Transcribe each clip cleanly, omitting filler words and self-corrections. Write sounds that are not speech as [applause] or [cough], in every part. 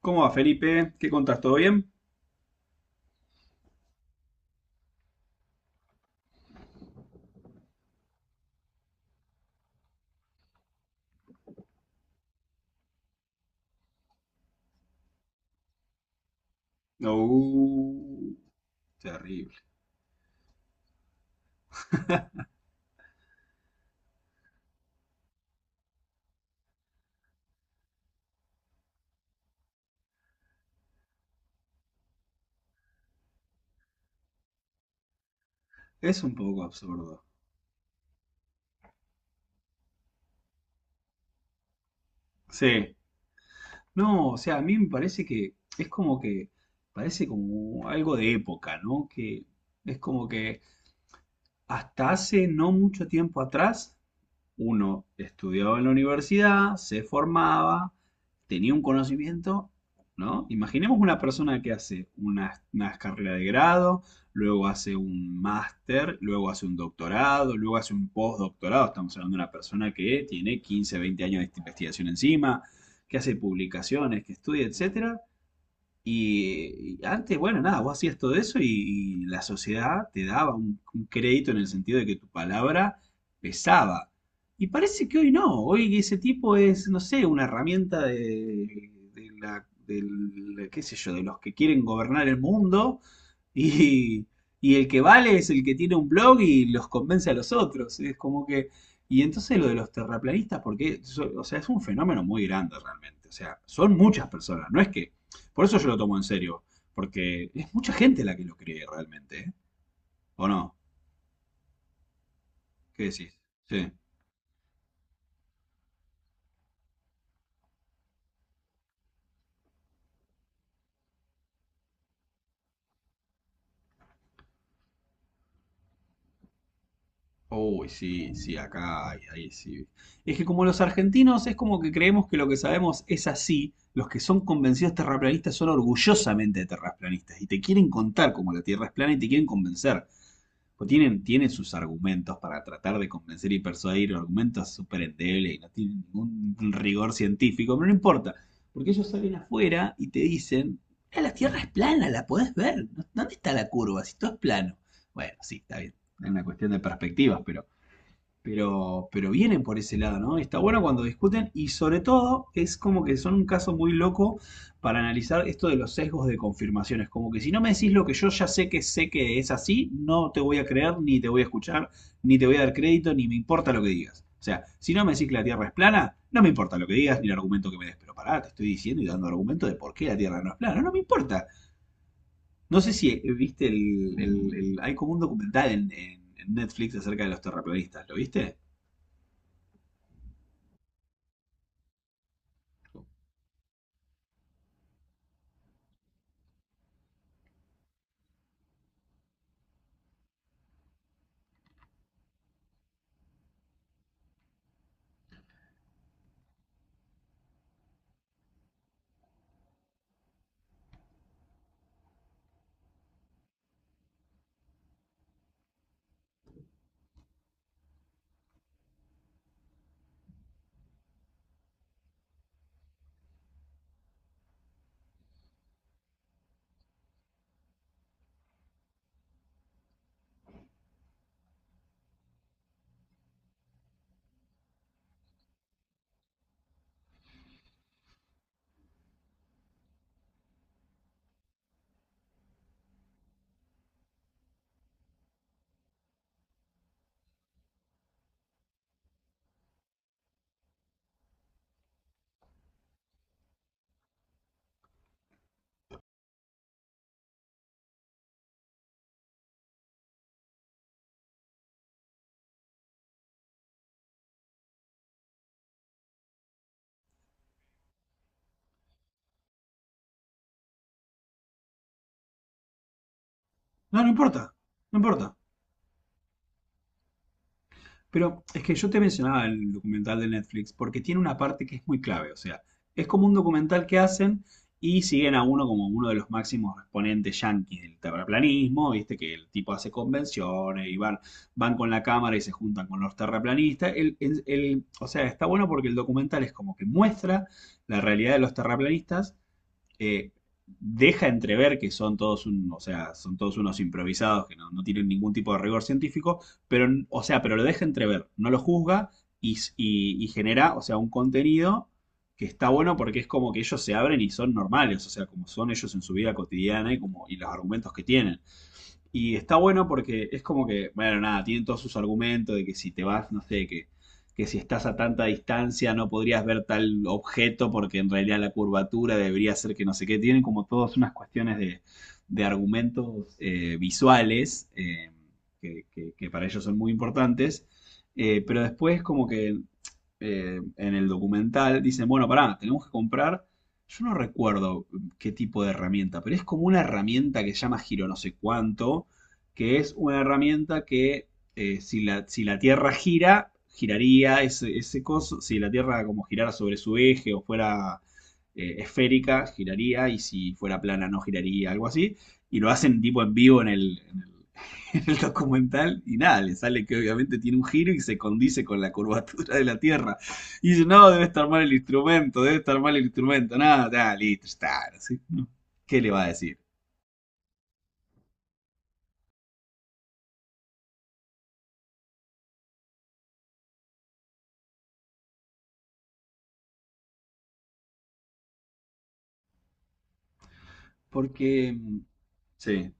¿Cómo va, Felipe? ¿Qué contás? ¿Todo bien? Uh, Terrible. Es un poco absurdo. Sí. No, o sea, a mí me parece que es como que, parece como algo de época, ¿no? Que es como que hasta hace no mucho tiempo atrás uno estudiaba en la universidad, se formaba, tenía un conocimiento, ¿no? Imaginemos una persona que hace una carrera de grado, luego hace un máster, luego hace un doctorado, luego hace un postdoctorado. Estamos hablando de una persona que tiene 15, 20 años de investigación encima, que hace publicaciones, que estudia, etcétera, y antes, bueno, nada, vos hacías todo eso y la sociedad te daba un crédito en el sentido de que tu palabra pesaba. Y parece que hoy no, hoy ese tipo es, no sé, una herramienta de qué sé yo, de los que quieren gobernar el mundo y, y el que vale es el que tiene un blog y los convence a los otros. Es como que. Y entonces lo de los terraplanistas, porque, o sea, es un fenómeno muy grande realmente. O sea, son muchas personas, no es que por eso yo lo tomo en serio, porque es mucha gente la que lo cree realmente, ¿eh? ¿O no? ¿Qué decís? Sí. Uy, sí, sí, acá, ahí, ahí sí. Es que como los argentinos es como que creemos que lo que sabemos es así, los que son convencidos terraplanistas son orgullosamente terraplanistas y te quieren contar cómo la Tierra es plana y te quieren convencer. Pues tienen, tienen sus argumentos para tratar de convencer y persuadir, argumentos súper endebles y no tienen ningún rigor científico, pero no importa, porque ellos salen afuera y te dicen, "Ah, la Tierra es plana, la podés ver, ¿dónde está la curva si todo es plano? Bueno, sí, está bien, es una cuestión de perspectivas, pero pero vienen por ese lado, ¿no? Está bueno cuando discuten y sobre todo es como que son un caso muy loco para analizar esto de los sesgos de confirmaciones, como que si no me decís lo que yo ya sé que es así, no te voy a creer, ni te voy a escuchar, ni te voy a dar crédito, ni me importa lo que digas. O sea, si no me decís que la Tierra es plana, no me importa lo que digas ni el argumento que me des. Pero pará, te estoy diciendo y dando argumento de por qué la Tierra no es plana. No me importa. No sé si viste hay como un documental en Netflix acerca de los terraplanistas. ¿Lo viste? No, no importa, no importa. Pero es que yo te mencionaba el documental de Netflix porque tiene una parte que es muy clave. O sea, es como un documental que hacen y siguen a uno como uno de los máximos exponentes yanquis del terraplanismo. Viste que el tipo hace convenciones y van, van con la cámara y se juntan con los terraplanistas. O sea, está bueno porque el documental es como que muestra la realidad de los terraplanistas eh, deja entrever que son todos un, o sea, son todos unos improvisados que no, no tienen ningún tipo de rigor científico, pero, o sea, pero lo deja entrever, no lo juzga y genera, o sea, un contenido que está bueno porque es como que ellos se abren y son normales, o sea, como son ellos en su vida cotidiana y como y los argumentos que tienen. Y está bueno porque es como que, bueno, nada, tienen todos sus argumentos de que si te vas, no sé, que si estás a tanta distancia no podrías ver tal objeto porque en realidad la curvatura debería ser que no sé qué. Tienen como todas unas cuestiones de argumentos visuales que para ellos son muy importantes. Pero después como que en el documental, dicen, bueno, pará, tenemos que comprar, yo no recuerdo qué tipo de herramienta, pero es como una herramienta que se llama giro no sé cuánto, que es una herramienta que si la Tierra gira, giraría ese coso, si la Tierra como girara sobre su eje o fuera esférica, giraría, y si fuera plana no giraría, algo así, y lo hacen tipo en vivo en el [laughs] en el documental y nada, le sale que obviamente tiene un giro y se condice con la curvatura de la Tierra. Y dice, no, debe estar mal el instrumento, debe estar mal el instrumento, nada, nada, listo, está. ¿Sí? ¿Qué le va a decir? Porque, sí,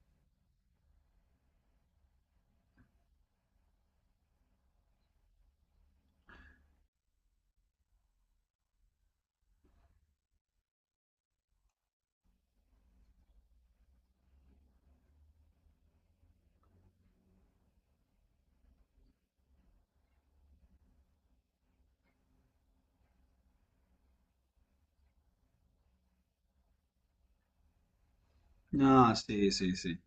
no, sí, sí, sí.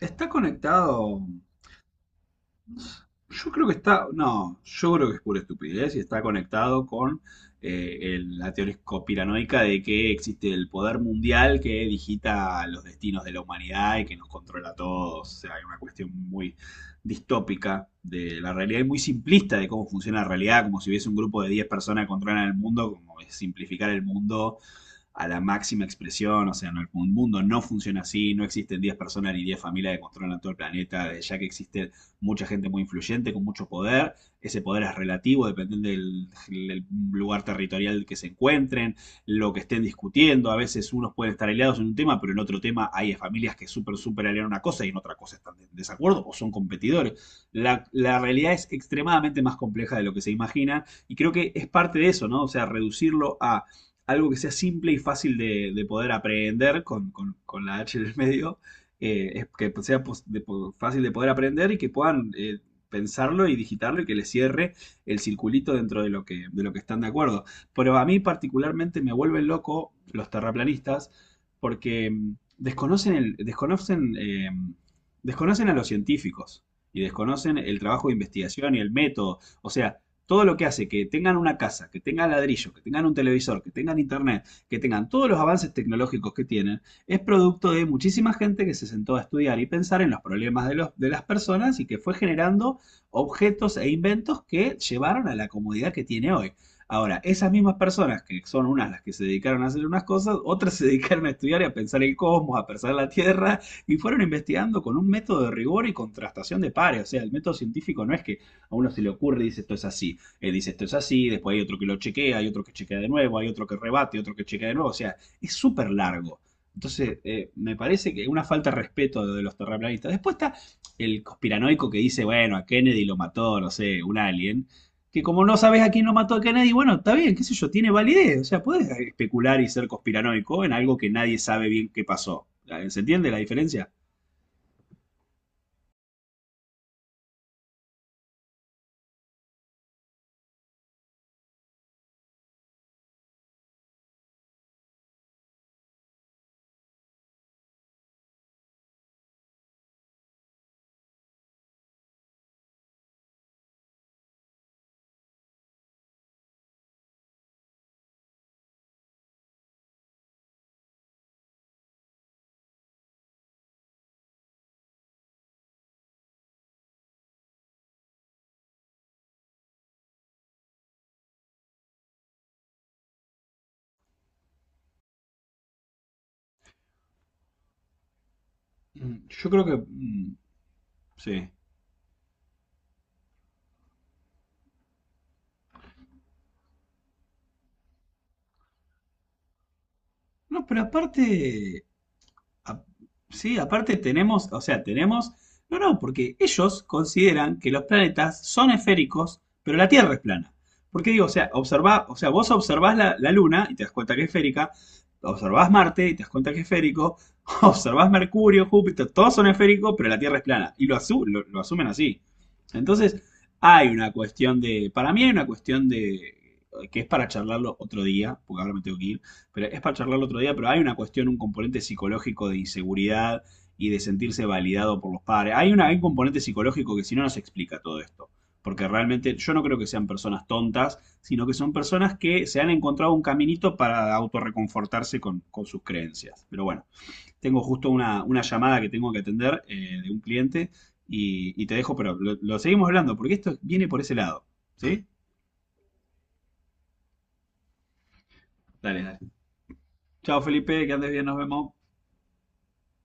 Está conectado. Yo creo que está, no, yo creo que es pura estupidez y está conectado con la teoría conspiranoica de que existe el poder mundial que digita los destinos de la humanidad y que nos controla a todos. O sea, hay una cuestión muy distópica de la realidad y muy simplista de cómo funciona la realidad, como si hubiese un grupo de 10 personas que controlan el mundo, como es simplificar el mundo a la máxima expresión, o sea, no, el mundo no funciona así, no existen 10 personas ni 10 familias que controlan todo el planeta, ya que existe mucha gente muy influyente con mucho poder, ese poder es relativo, dependiendo del, del lugar territorial que se encuentren, lo que estén discutiendo, a veces unos pueden estar aliados en un tema, pero en otro tema hay familias que súper, súper aliaron una cosa y en otra cosa están en desacuerdo o son competidores. La realidad es extremadamente más compleja de lo que se imagina y creo que es parte de eso, ¿no? O sea, reducirlo a algo que sea simple y fácil de poder aprender con la H en el medio, es que sea pos- de po- fácil de poder aprender y que puedan pensarlo y digitarlo y que les cierre el circulito dentro de lo que están de acuerdo. Pero a mí particularmente me vuelven loco los terraplanistas porque desconocen el, desconocen, eh, desconocen a los científicos y desconocen el trabajo de investigación y el método. O sea, todo lo que hace que tengan una casa, que tengan ladrillo, que tengan un televisor, que tengan internet, que tengan todos los avances tecnológicos que tienen, es producto de muchísima gente que se sentó a estudiar y pensar en los problemas de las personas y que fue generando objetos e inventos que llevaron a la comodidad que tiene hoy. Ahora, esas mismas personas, que son unas las que se dedicaron a hacer unas cosas, otras [laughs] se dedicaron a estudiar y a pensar el cosmos, a pensar la Tierra, y fueron investigando con un método de rigor y contrastación de pares. O sea, el método científico no es que a uno se le ocurre y dice esto es así, dice esto es así, después hay otro que lo chequea, hay otro que chequea de nuevo, hay otro que rebate, otro que chequea de nuevo, o sea, es súper largo. Entonces, me parece que una falta de respeto de los terraplanistas. Después está el conspiranoico que dice, bueno, a Kennedy lo mató, no sé, un alien. Que como no sabes a quién lo mató a Kennedy, bueno, está bien, qué sé yo, tiene validez. O sea, puedes especular y ser conspiranoico en algo que nadie sabe bien qué pasó. ¿Se entiende la diferencia? Mm, Yo creo que. Mm, Sí. No, pero aparte, a- sí, aparte tenemos, o sea, tenemos, no, no, porque ellos consideran que los planetas son esféricos, pero la Tierra es plana. Porque digo, o sea, observa, o sea, vos observás la Luna y te das cuenta que es esférica, observás Marte y te das cuenta que es esférico, [laughs] observás Mercurio, Júpiter, todos son esféricos, pero la Tierra es plana. Y lo asumen así. Entonces, hay una cuestión de, para mí hay una cuestión de, que es para charlarlo otro día, porque ahora me tengo que ir pero es para charlarlo otro día, pero hay una cuestión, un componente psicológico de inseguridad y de sentirse validado por los padres. Hay un componente psicológico que si no nos explica todo esto. Porque realmente yo no creo que sean personas tontas, sino que son personas que se han encontrado un caminito para autorreconfortarse con sus creencias. Pero bueno, tengo justo una llamada que tengo que atender de un cliente y te dejo, pero lo seguimos hablando porque esto viene por ese lado. ¿Sí? Dale, dale. Chao, Felipe, que andes bien, nos vemos.